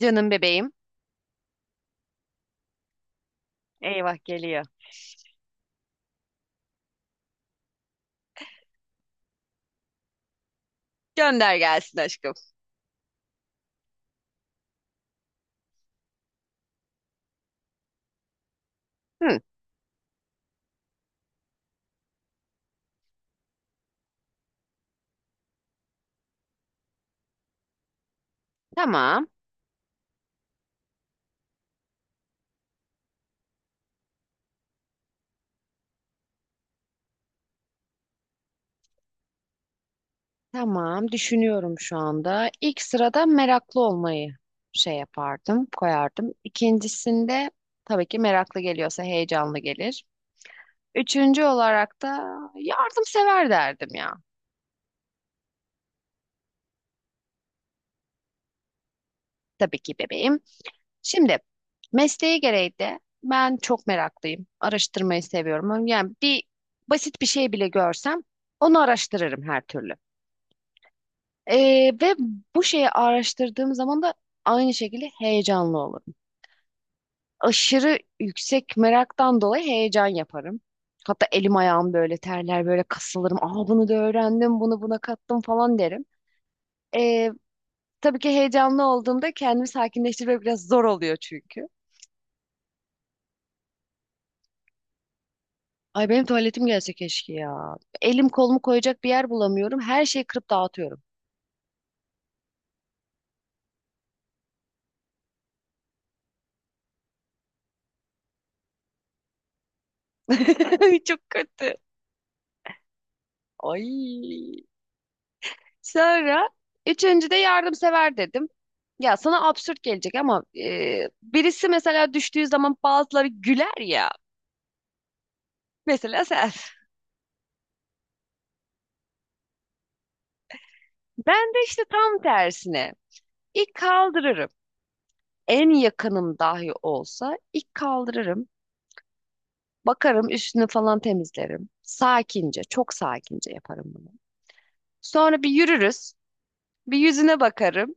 Canım bebeğim. Eyvah geliyor. Gönder gelsin aşkım. Hı, tamam. Tamam. Düşünüyorum şu anda. İlk sırada meraklı olmayı şey yapardım, koyardım. İkincisinde tabii ki meraklı geliyorsa heyecanlı gelir. Üçüncü olarak da yardımsever derdim ya. Tabii ki bebeğim. Şimdi mesleği gereği de ben çok meraklıyım. Araştırmayı seviyorum. Yani basit bir şey bile görsem onu araştırırım her türlü. Ve bu şeyi araştırdığım zaman da aynı şekilde heyecanlı olurum. Aşırı yüksek meraktan dolayı heyecan yaparım. Hatta elim ayağım böyle terler, böyle kasılırım. Aa, bunu da öğrendim, bunu buna kattım falan derim. Ee, tabii ki heyecanlı olduğumda kendimi sakinleştirmek biraz zor oluyor çünkü. Ay benim tuvaletim gelse keşke ya. Elim kolumu koyacak bir yer bulamıyorum. Her şeyi kırıp dağıtıyorum. Çok kötü. Ay. Sonra üçüncü de yardımsever dedim. Ya sana absürt gelecek ama birisi mesela düştüğü zaman bazıları güler ya. Mesela sen. Ben de işte tam tersine. İlk kaldırırım. En yakınım dahi olsa ilk kaldırırım. Bakarım üstünü falan temizlerim. Sakince, çok sakince yaparım bunu. Sonra bir yürürüz. Bir yüzüne bakarım.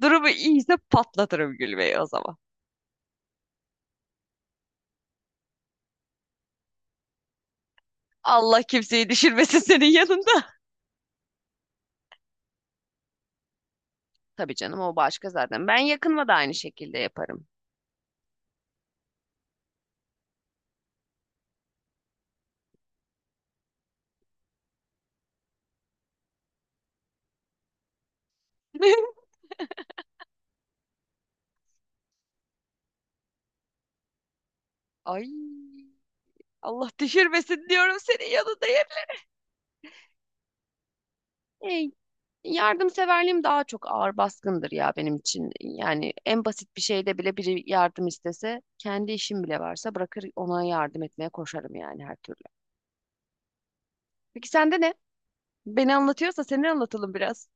Durumu iyiyse patlatırım gülmeyi o zaman. Allah kimseyi düşürmesin senin yanında. Tabii canım o başka zaten. Ben yakınma da aynı şekilde yaparım. Ay, Allah düşürmesin diyorum senin yanında hep. Ey, yardımseverliğim daha çok ağır baskındır ya benim için. Yani en basit bir şeyde bile biri yardım istese, kendi işim bile varsa bırakır ona yardım etmeye koşarım yani her türlü. Peki sende ne? Beni anlatıyorsa seni anlatalım biraz.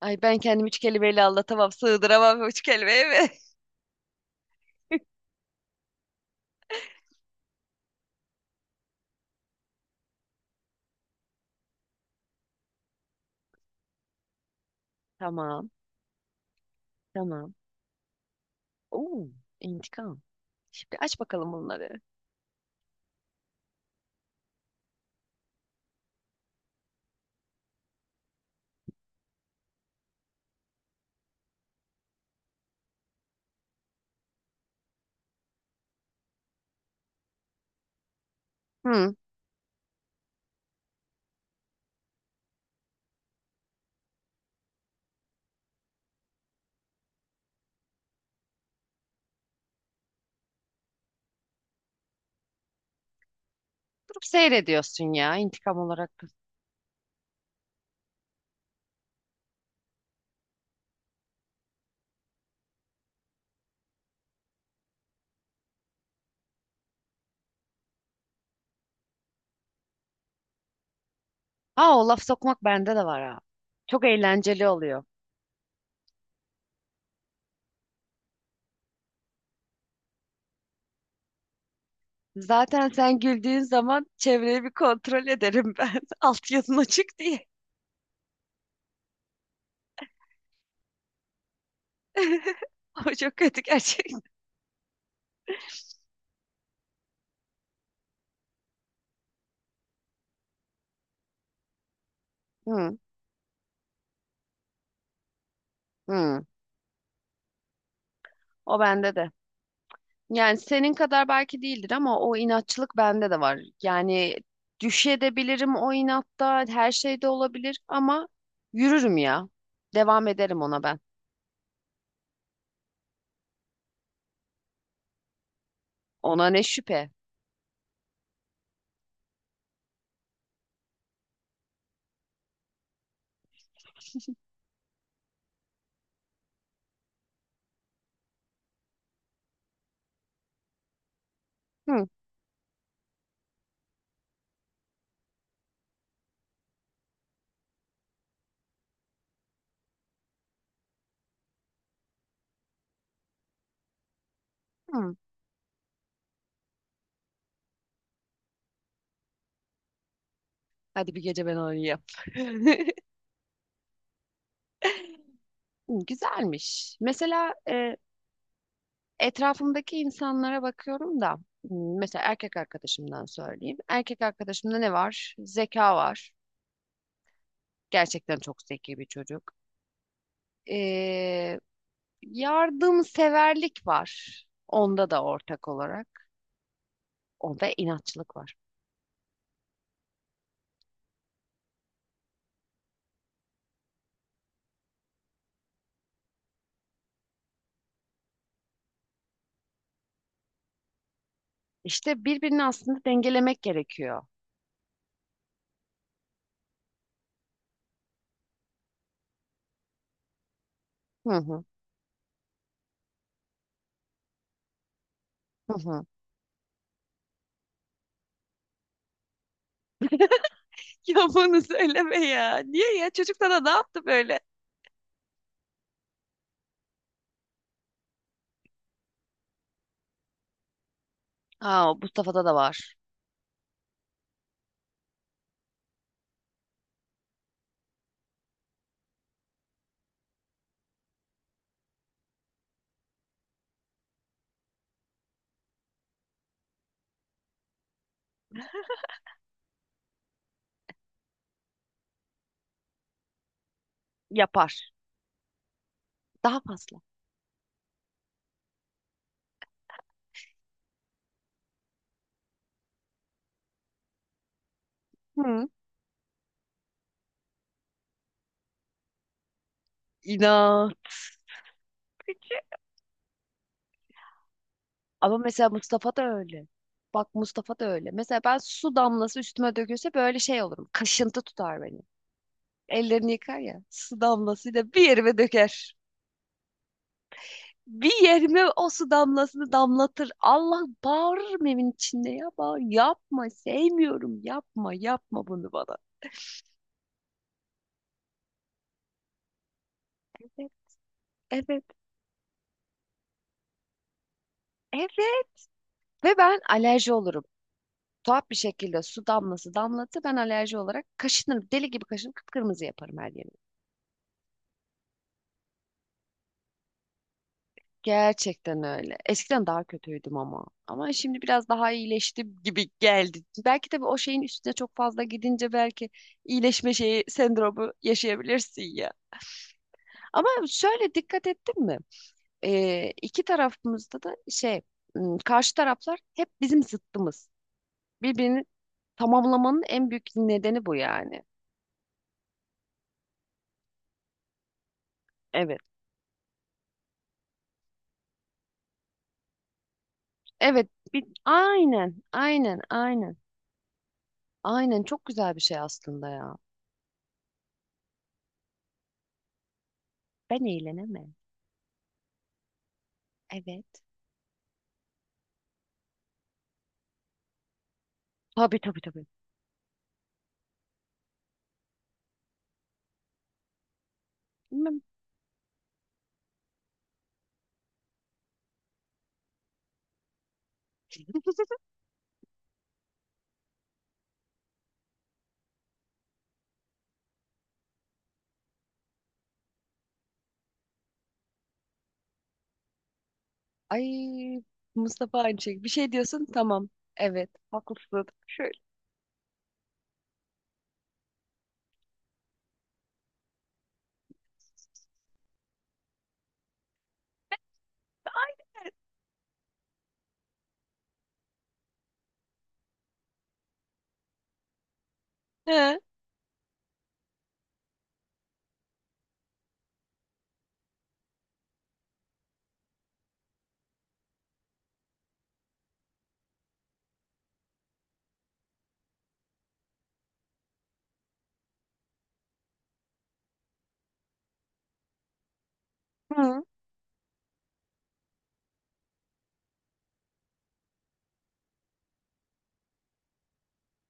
Ay ben kendimi üç kelimeyle anlatamam, sığdıramam üç kelimeye mi? Tamam, tamam. Oo, intikam. Şimdi aç bakalım bunları. Hı. Durup seyrediyorsun ya intikam olarak. Aa, o laf sokmak bende de var ha. Çok eğlenceli oluyor. Zaten sen güldüğün zaman çevreyi bir kontrol ederim ben. Alt yazın açık diye. O çok kötü gerçekten. Hı, hı. O bende de. Yani senin kadar belki değildir ama o inatçılık bende de var. Yani düşebilirim o inatta, her şey de olabilir ama yürürüm ya. Devam ederim ona ben. Ona ne şüphe. Hı, hı. Hadi bir gece ben oynayayım. Güzelmiş. Mesela etrafımdaki insanlara bakıyorum da mesela erkek arkadaşımdan söyleyeyim. Erkek arkadaşımda ne var? Zeka var. Gerçekten çok zeki bir çocuk. E, yardımseverlik var. Onda da ortak olarak. Onda inatçılık var. İşte birbirini aslında dengelemek gerekiyor. Hı hı, hı hı. Ya bunu söyleme ya. Niye ya? Çocuk sana ne yaptı böyle? Aa, Mustafa'da da var. Yapar. Daha fazla. Hı. İnat. Ama mesela Mustafa da öyle. Bak Mustafa da öyle. Mesela ben su damlası üstüme dökülse böyle şey olurum. Kaşıntı tutar beni. Ellerini yıkar ya. Su damlasıyla bir yerime döker. Bir yerime o su damlasını damlatır. Allah bağırırım evin içinde ya. Bağır. Yapma sevmiyorum. Yapma bunu bana. Evet, evet, evet. Ve ben alerji olurum. Tuhaf bir şekilde su damlası damlattı. Ben alerji olarak kaşınırım. Deli gibi kaşınırım. Kıpkırmızı yaparım her yerimi. Gerçekten öyle. Eskiden daha kötüydüm ama. Ama şimdi biraz daha iyileştim gibi geldi. Belki de o şeyin üstüne çok fazla gidince belki iyileşme şeyi sendromu yaşayabilirsin ya. Ama şöyle dikkat ettin mi? İki tarafımızda da karşı taraflar hep bizim zıttımız. Birbirini tamamlamanın en büyük nedeni bu yani. Evet. Evet, bir, aynen, aynen, aynen. Aynen çok güzel bir şey aslında ya. Ben eğlenemem. Evet. Tabii, tabii, tabii. Bilmem. Ay, Mustafa aynı şey. Bir şey diyorsun tamam. Evet, haklısın. Şöyle. He. Hı.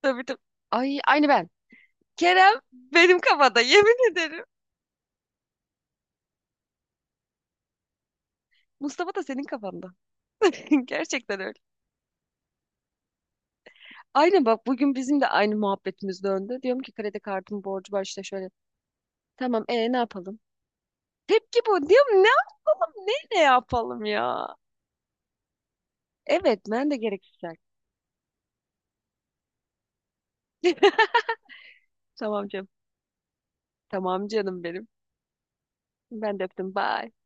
Tabii, tabii. Ay aynı ben. Kerem benim kafada yemin ederim. Mustafa da senin kafanda. Gerçekten öyle. Aynen bak bugün bizim de aynı muhabbetimiz döndü. Diyorum ki kredi kartım borcu var işte şöyle. Tamam e ne yapalım? Tepki bu. Diyorum ne yapalım? Ne yapalım ya? Evet ben de gereksiz. Tamam canım. Tamam canım benim. Ben de öptüm. Bye.